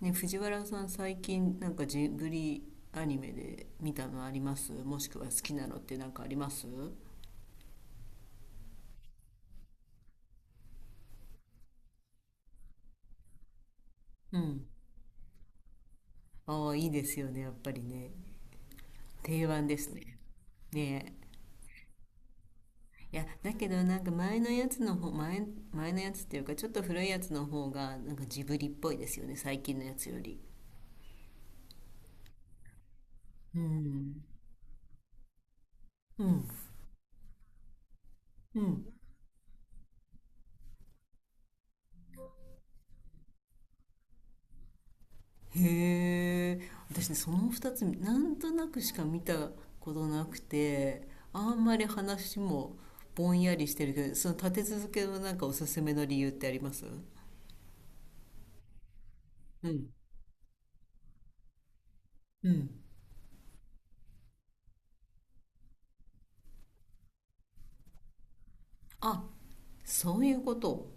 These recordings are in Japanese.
ね、藤原さん、最近なんかジブリアニメで見たのあります？もしくは好きなのってなんかあります？うん。ああ、いいですよね、やっぱりね。定番ですね。ねえ。いや、だけどなんか前のやつの方、前のやつっていうか、ちょっと古いやつの方がなんかジブリっぽいですよね、最近のやつより。うん。うん。うん。へえ、私ねその2つなんとなくしか見たことなくて、あんまり話もぼんやりしてるけど、その立て続けのなんかおすすめの理由ってあります？うん。うん。あ、そういうこと。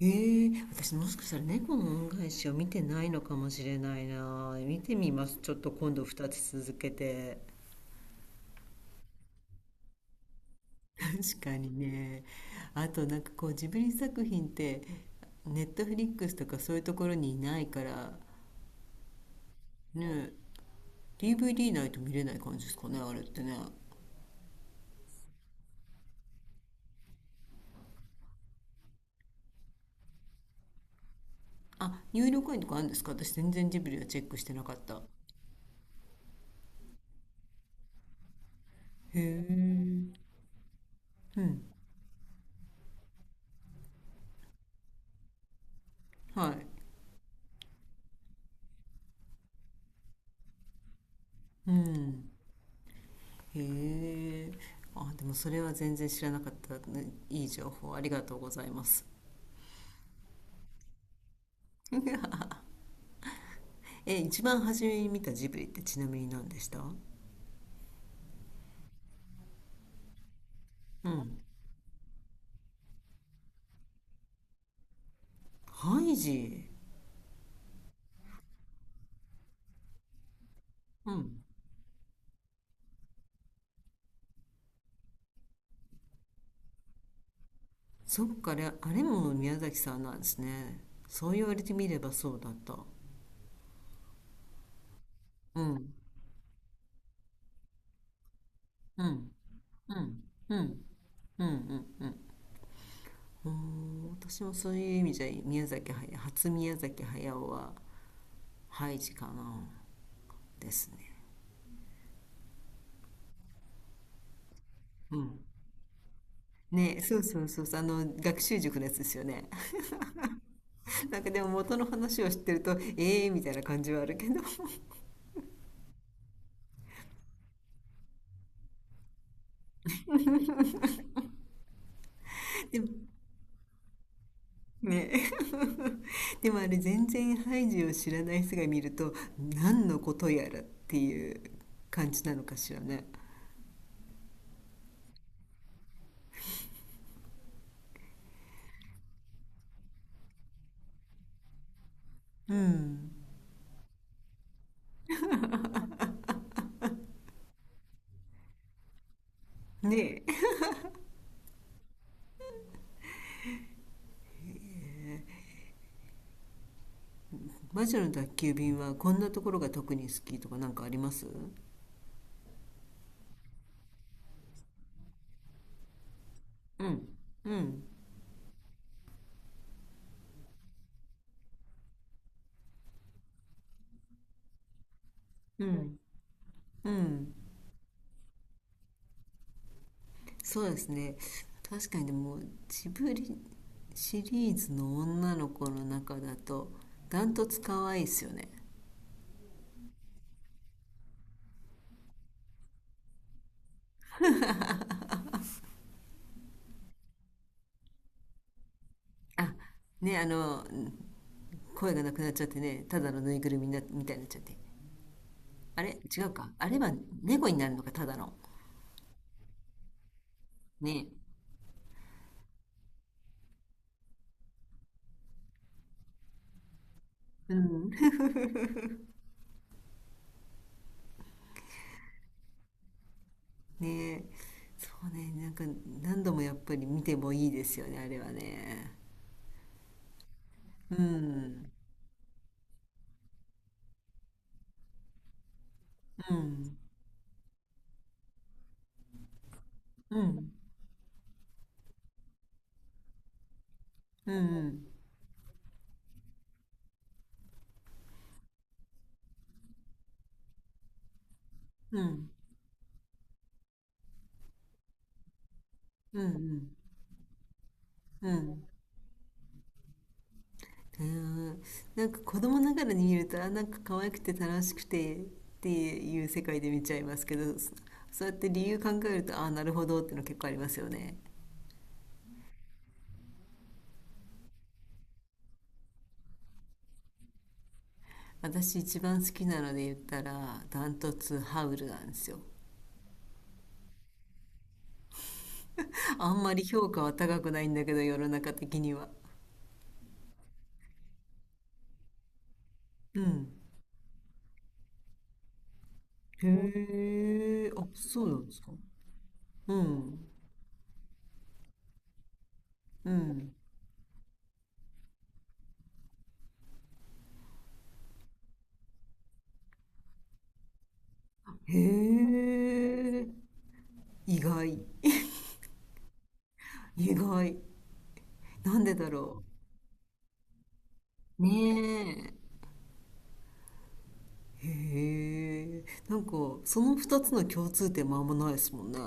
ええ、私もしかしたら猫の恩返しを見てないのかもしれないな。見てみます、ちょっと今度2つ続けて。確かにね。あとなんかこう、ジブリ作品ってネットフリックスとかそういうところにいないからね。 DVD ないと見れない感じですかね、あれってね。あ、入力園とかあるんですか？私全然ジブリはチェックしてなかった。へえ。うん。はい。うん。へえ。あ、でもそれは全然知らなかったね。いい情報ありがとうございます。 え、一番初めに見たジブリってちなみに何でした？うん。ハイジ。うん。そっかあれ、あれも宮崎さんなんですね。そう言われてみればそうだった。うん。うん。うん、うん、うん、うん、うん。うーん、私もそういう意味じゃ、宮崎駿、初宮崎駿は、ハイジかな、ですね。うん。ね、そうそうそうそう、あの、学習塾のやつですよね。なんかでも元の話を知ってると、ええー、みたいな感じはあるけど、でも、ね、でもあれ、全然ハイジを知らない人が見ると、何のことやらっていう感じなのかしらね。うん。ね。魔女の宅急便はこんなところが特に好きとかなんかあります？うん。うん。うん。うん。そうですね。確かにでも、ジブリシリーズの女の子の中だと、ダントツ可愛いですよね。あ、ね、声がなくなっちゃってね、ただのぬいぐるみな、みたいになっちゃって。あれ違うか。あれは猫になるのか、ただの。ね。うん。ねえ。そうね、なんか、何度もやっぱり見てもいいですよね、あれはね。うん、うん、うん、うん、うん、うん、うん。あー、なんか子供ながらに見ると、あ、なんか可愛くて楽しくてっていう世界で見ちゃいますけど、そうやって理由考えると、あ、なるほどっての結構ありますよね。私一番好きなので言ったらダントツハウルなんですよ。あんまり評価は高くないんだけど、世の中的には。うん。へえ、あ、そうなんですか。うん。うん。へえ、意外、意外。なんでだろ。ねえ。う。へえ、なんか、その二つの共通点もあんまないですもんね。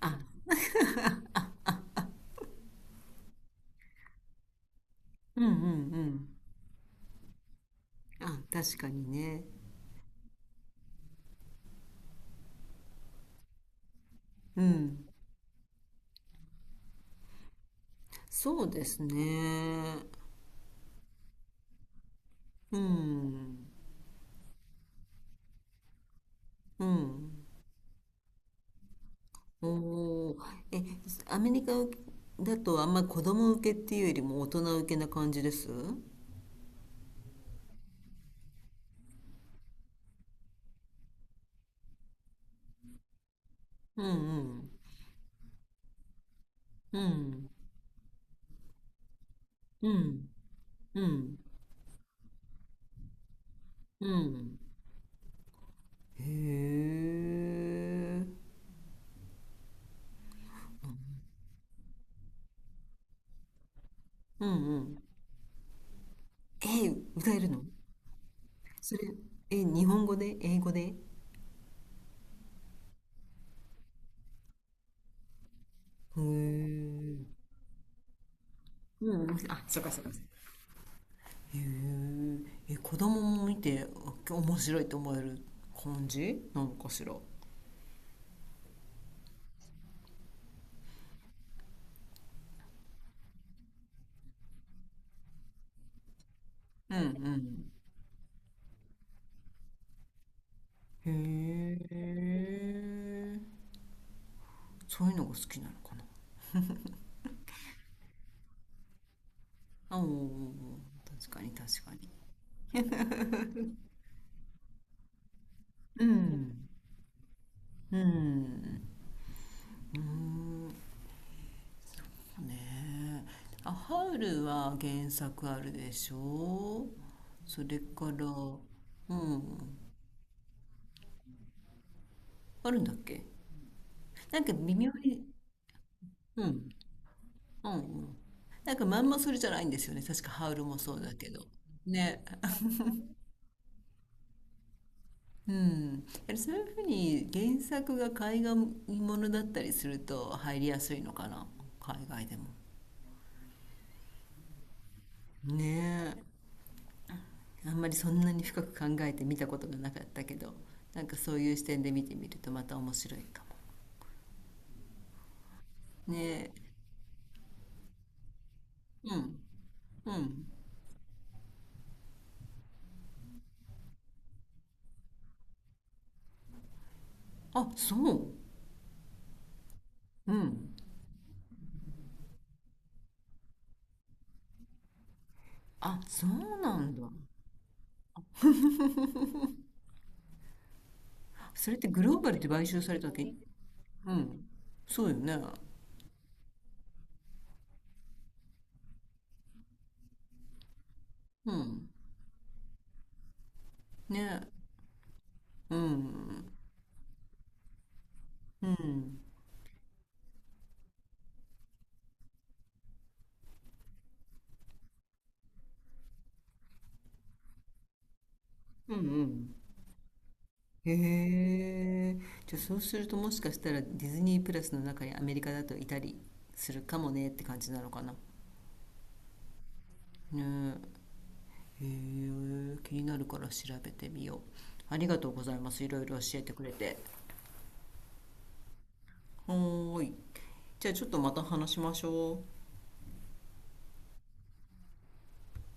あ、うん、うん、うん。あ、確かにね。うん。そうですね。うん。うん。おー。え、アメリカだとあんま子供受けっていうよりも大人受けな感じです？うん。うん。うん。うん。うん。うん。へえ。うん、うん。え、歌えるの？それ、え、日本語で？英語で？へえ。うん、うん。あ、そうかそうか。へえ。え、子供も見てあ面白いと思える感じなのかしら。うん。うん。へえ。そういうのが好きなのかな。あ、おーおーおー、確かに確かに。うん。うん。うん。ねえ、あ、ハウルは原作あるでしょ？それから。うん。あるんだっけ？なんか微妙に。うん。うん。うん。なんかまんまそれじゃないんですよね、確かハウルもそうだけど。ね。 うん、やはりそういうふうに原作が海外ものだったりすると入りやすいのかな、海外でも。ねえ。あんまりそんなに深く考えて見たことがなかったけど、なんかそういう視点で見てみるとまた面白いかも。ねえ。うん。うん。あ、そう。うん。あ、そうなんだ。それってグローバルで買収されたわけ？うん。そうよね。うん。ねえ。うん。うん。うん、うん。へえ。じゃあそうするともしかしたらディズニープラスの中にアメリカだといたりするかもねって感じなのかな。ねえ。へえ。気になるから調べてみよう。ありがとうございます、いろいろ教えてくれて。はーい。じゃあちょっとまた話しましょう。